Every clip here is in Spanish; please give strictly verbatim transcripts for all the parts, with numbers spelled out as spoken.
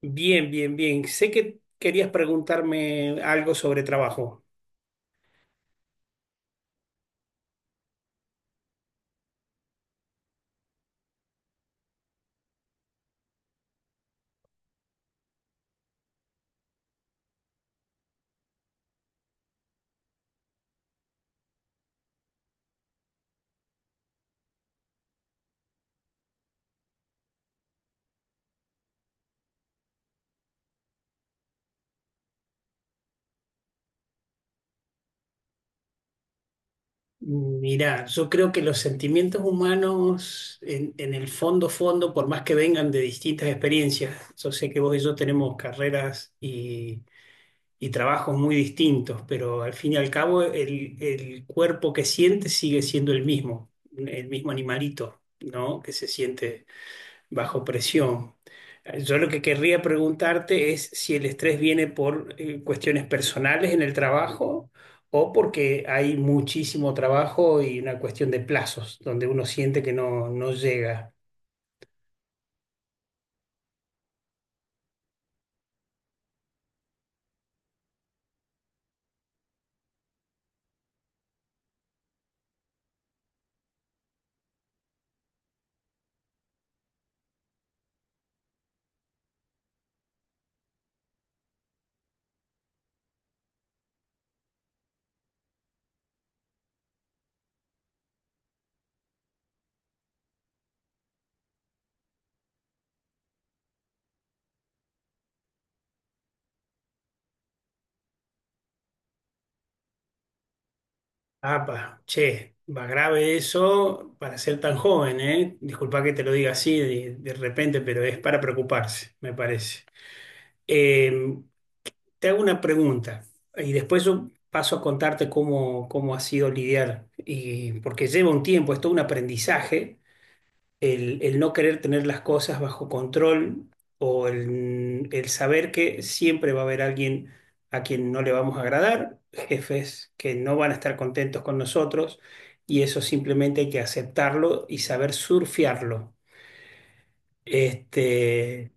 Bien, bien, bien. Sé que querías preguntarme algo sobre trabajo. Mirá, yo creo que los sentimientos humanos, en, en el fondo, fondo, por más que vengan de distintas experiencias, yo sé que vos y yo tenemos carreras y, y trabajos muy distintos, pero al fin y al cabo el, el cuerpo que siente sigue siendo el mismo, el mismo animalito, ¿no? Que se siente bajo presión. Yo lo que querría preguntarte es si el estrés viene por eh, cuestiones personales en el trabajo, o porque hay muchísimo trabajo y una cuestión de plazos, donde uno siente que no, no llega. Apa, che, va grave eso para ser tan joven, ¿eh? Disculpa que te lo diga así de, de repente, pero es para preocuparse, me parece. Eh, Te hago una pregunta, y después yo paso a contarte cómo, cómo ha sido lidiar, y, porque lleva un tiempo, es todo un aprendizaje, el, el no querer tener las cosas bajo control, o el, el saber que siempre va a haber alguien a quien no le vamos a agradar, jefes que no van a estar contentos con nosotros, y eso simplemente hay que aceptarlo y saber surfearlo. Este,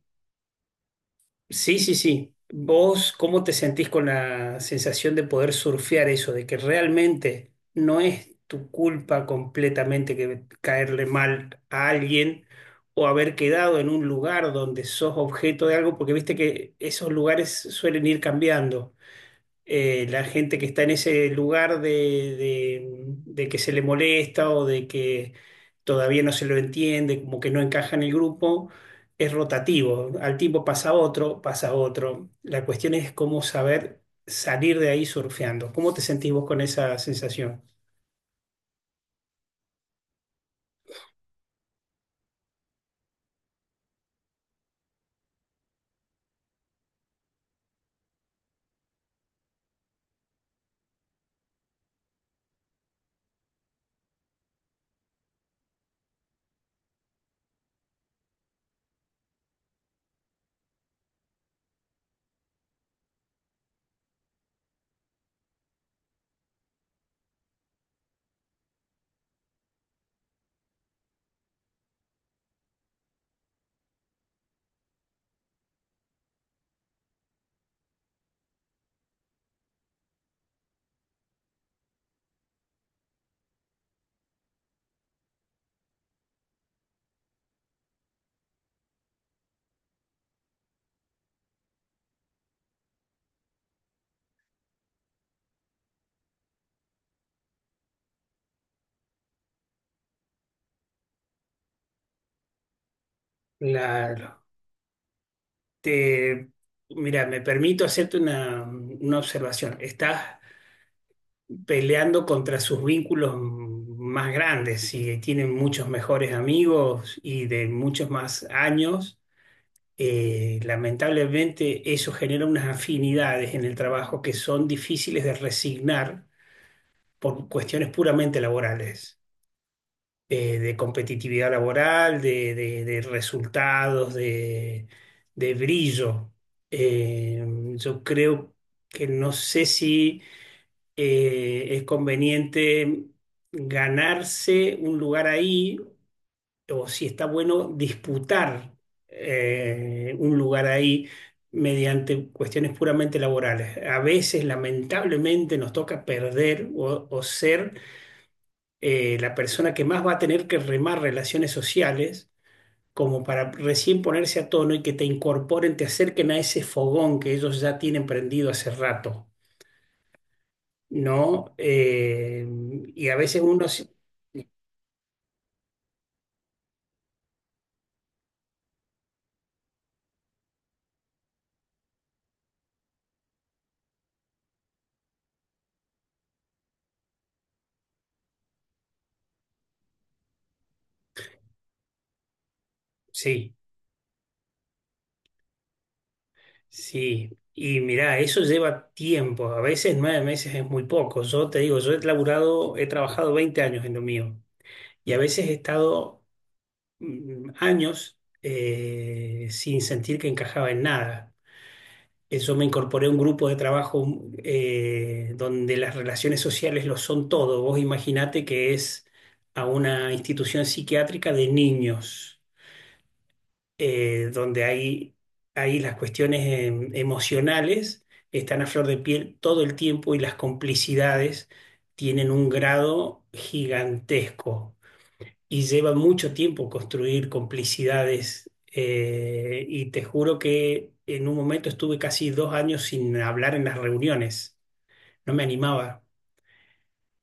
sí, sí, sí. ¿Vos cómo te sentís con la sensación de poder surfear eso, de que realmente no es tu culpa completamente, que caerle mal a alguien o haber quedado en un lugar donde sos objeto de algo? Porque viste que esos lugares suelen ir cambiando, eh, la gente que está en ese lugar de, de- de que se le molesta, o de que todavía no se lo entiende, como que no encaja en el grupo, es rotativo. Al tiempo pasa otro, pasa otro. La cuestión es cómo saber salir de ahí surfeando. ¿Cómo te sentís vos con esa sensación? Claro. Te, mira, me permito hacerte una, una observación. Estás peleando contra sus vínculos más grandes, y tienen muchos mejores amigos y de muchos más años. Eh, lamentablemente eso genera unas afinidades en el trabajo que son difíciles de resignar por cuestiones puramente laborales, eh, de competitividad laboral, de, de- de resultados, de, de brillo. Eh, yo creo que no sé si eh, es conveniente ganarse un lugar ahí, o si está bueno disputar eh, un lugar ahí mediante cuestiones puramente laborales. A veces, lamentablemente, nos toca perder, o, o ser eh, la persona que más va a tener que remar relaciones sociales, como para recién ponerse a tono y que te incorporen, te acerquen a ese fogón que ellos ya tienen prendido hace rato, ¿no? Eh, y a veces uno, sí, sí. Y mirá, eso lleva tiempo. A veces nueve meses es muy poco. Yo te digo, yo he laburado, he trabajado veinte años en lo mío. Y a veces he estado mm, años eh, sin sentir que encajaba en nada. Eh, Yo me incorporé a un grupo de trabajo, mm, eh, donde las relaciones sociales lo son todo. Vos imaginate que es a una institución psiquiátrica de niños, eh, donde hay, ahí las cuestiones em, emocionales están a flor de piel todo el tiempo, y las complicidades tienen un grado gigantesco, y lleva mucho tiempo construir complicidades, eh, y te juro que en un momento estuve casi dos años sin hablar en las reuniones, no me animaba.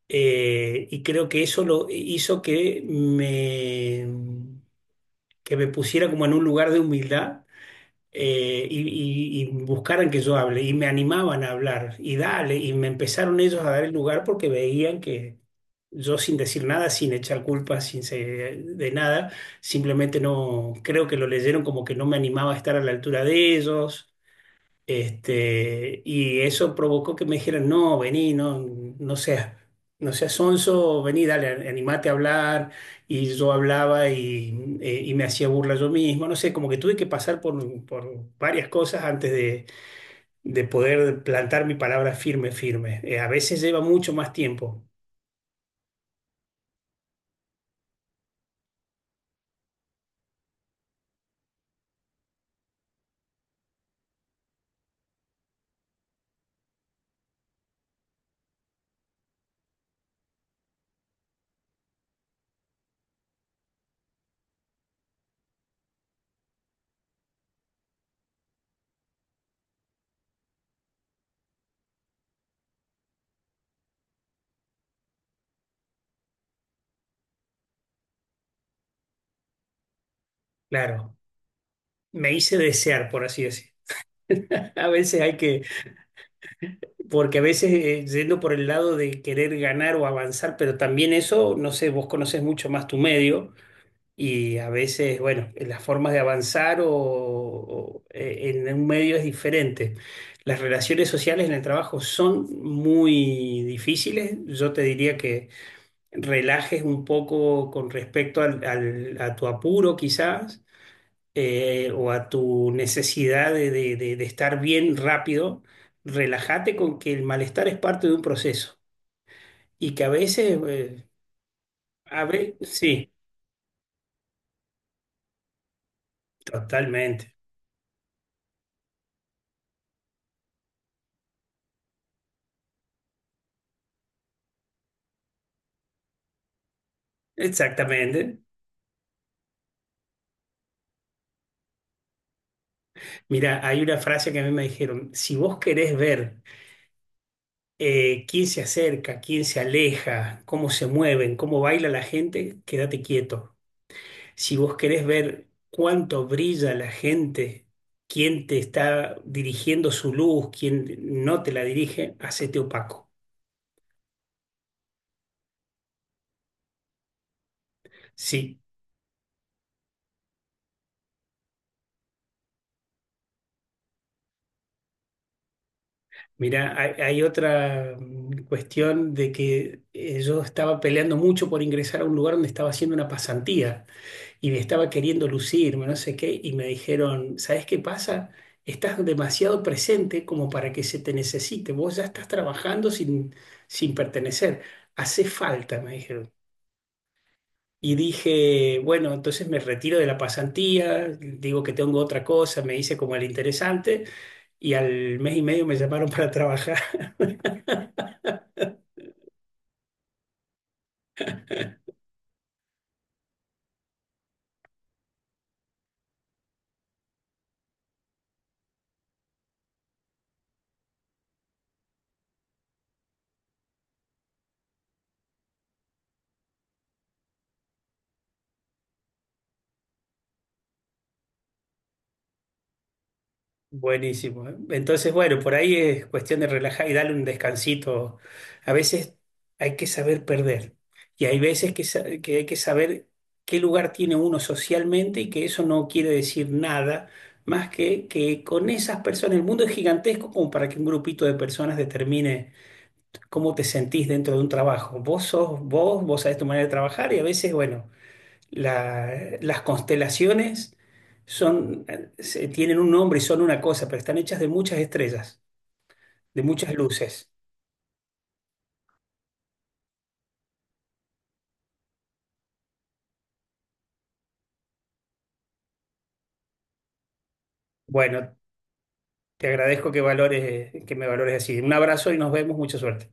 Eh, y creo que eso lo hizo que me, que me pusiera como en un lugar de humildad, eh, y, y- y buscaran que yo hable, y me animaban a hablar y dale, y me empezaron ellos a dar el lugar porque veían que yo, sin decir nada, sin echar culpas, sin se- de nada, simplemente no, creo que lo leyeron como que no me animaba a estar a la altura de ellos. Este, y eso provocó que me dijeran, no, vení, no, no seas, no seas sonso, vení, dale, animate a hablar. Y yo hablaba, y, eh, y me hacía burla yo mismo, no sé, como que tuve que pasar por, por varias cosas antes de, de poder plantar mi palabra firme, firme. Eh, a veces lleva mucho más tiempo, claro. Me hice desear, por así decir. A veces hay que, porque a veces eh, yendo por el lado de querer ganar o avanzar, pero también eso, no sé, vos conoces mucho más tu medio. Y a veces, bueno, las formas de avanzar, o, o, eh, en un medio es diferente. Las relaciones sociales en el trabajo son muy difíciles. Yo te diría que relajes un poco con respecto al- al- a tu apuro, quizás eh, o a tu necesidad de, de- de- de estar bien rápido. Relájate con que el malestar es parte de un proceso, y que a veces, eh, a ver, sí, totalmente, exactamente. Mira, hay una frase que a mí me dijeron: si vos querés ver eh, quién se acerca, quién se aleja, cómo se mueven, cómo baila la gente, quédate quieto. Si vos querés ver cuánto brilla la gente, quién te está dirigiendo su luz, quién no te la dirige, hacete opaco. Sí, mira, hay, hay otra, mm, cuestión de que eh, yo estaba peleando mucho por ingresar a un lugar donde estaba haciendo una pasantía, y me estaba queriendo lucirme, no sé qué, y me dijeron, ¿sabes qué pasa? Estás demasiado presente como para que se te necesite, vos ya estás trabajando sin, sin pertenecer, hace falta, me dijeron. Y dije, bueno, entonces me retiro de la pasantía, digo que tengo otra cosa, me hice como el interesante, y al mes y medio me llamaron para trabajar. Buenísimo, ¿eh? Entonces, bueno, por ahí es cuestión de relajar y darle un descansito. A veces hay que saber perder, y hay veces que, sa- que hay que saber qué lugar tiene uno socialmente, y que eso no quiere decir nada más que que con esas personas, el mundo es gigantesco como para que un grupito de personas determine cómo te sentís dentro de un trabajo. Vos sos vos, vos sabés tu manera de trabajar, y a veces, bueno. La- las constelaciones son, se- tienen un nombre y son una cosa, pero están hechas de muchas estrellas, de muchas luces. Bueno, te agradezco que valores, que me valores así. Un abrazo y nos vemos. Mucha suerte.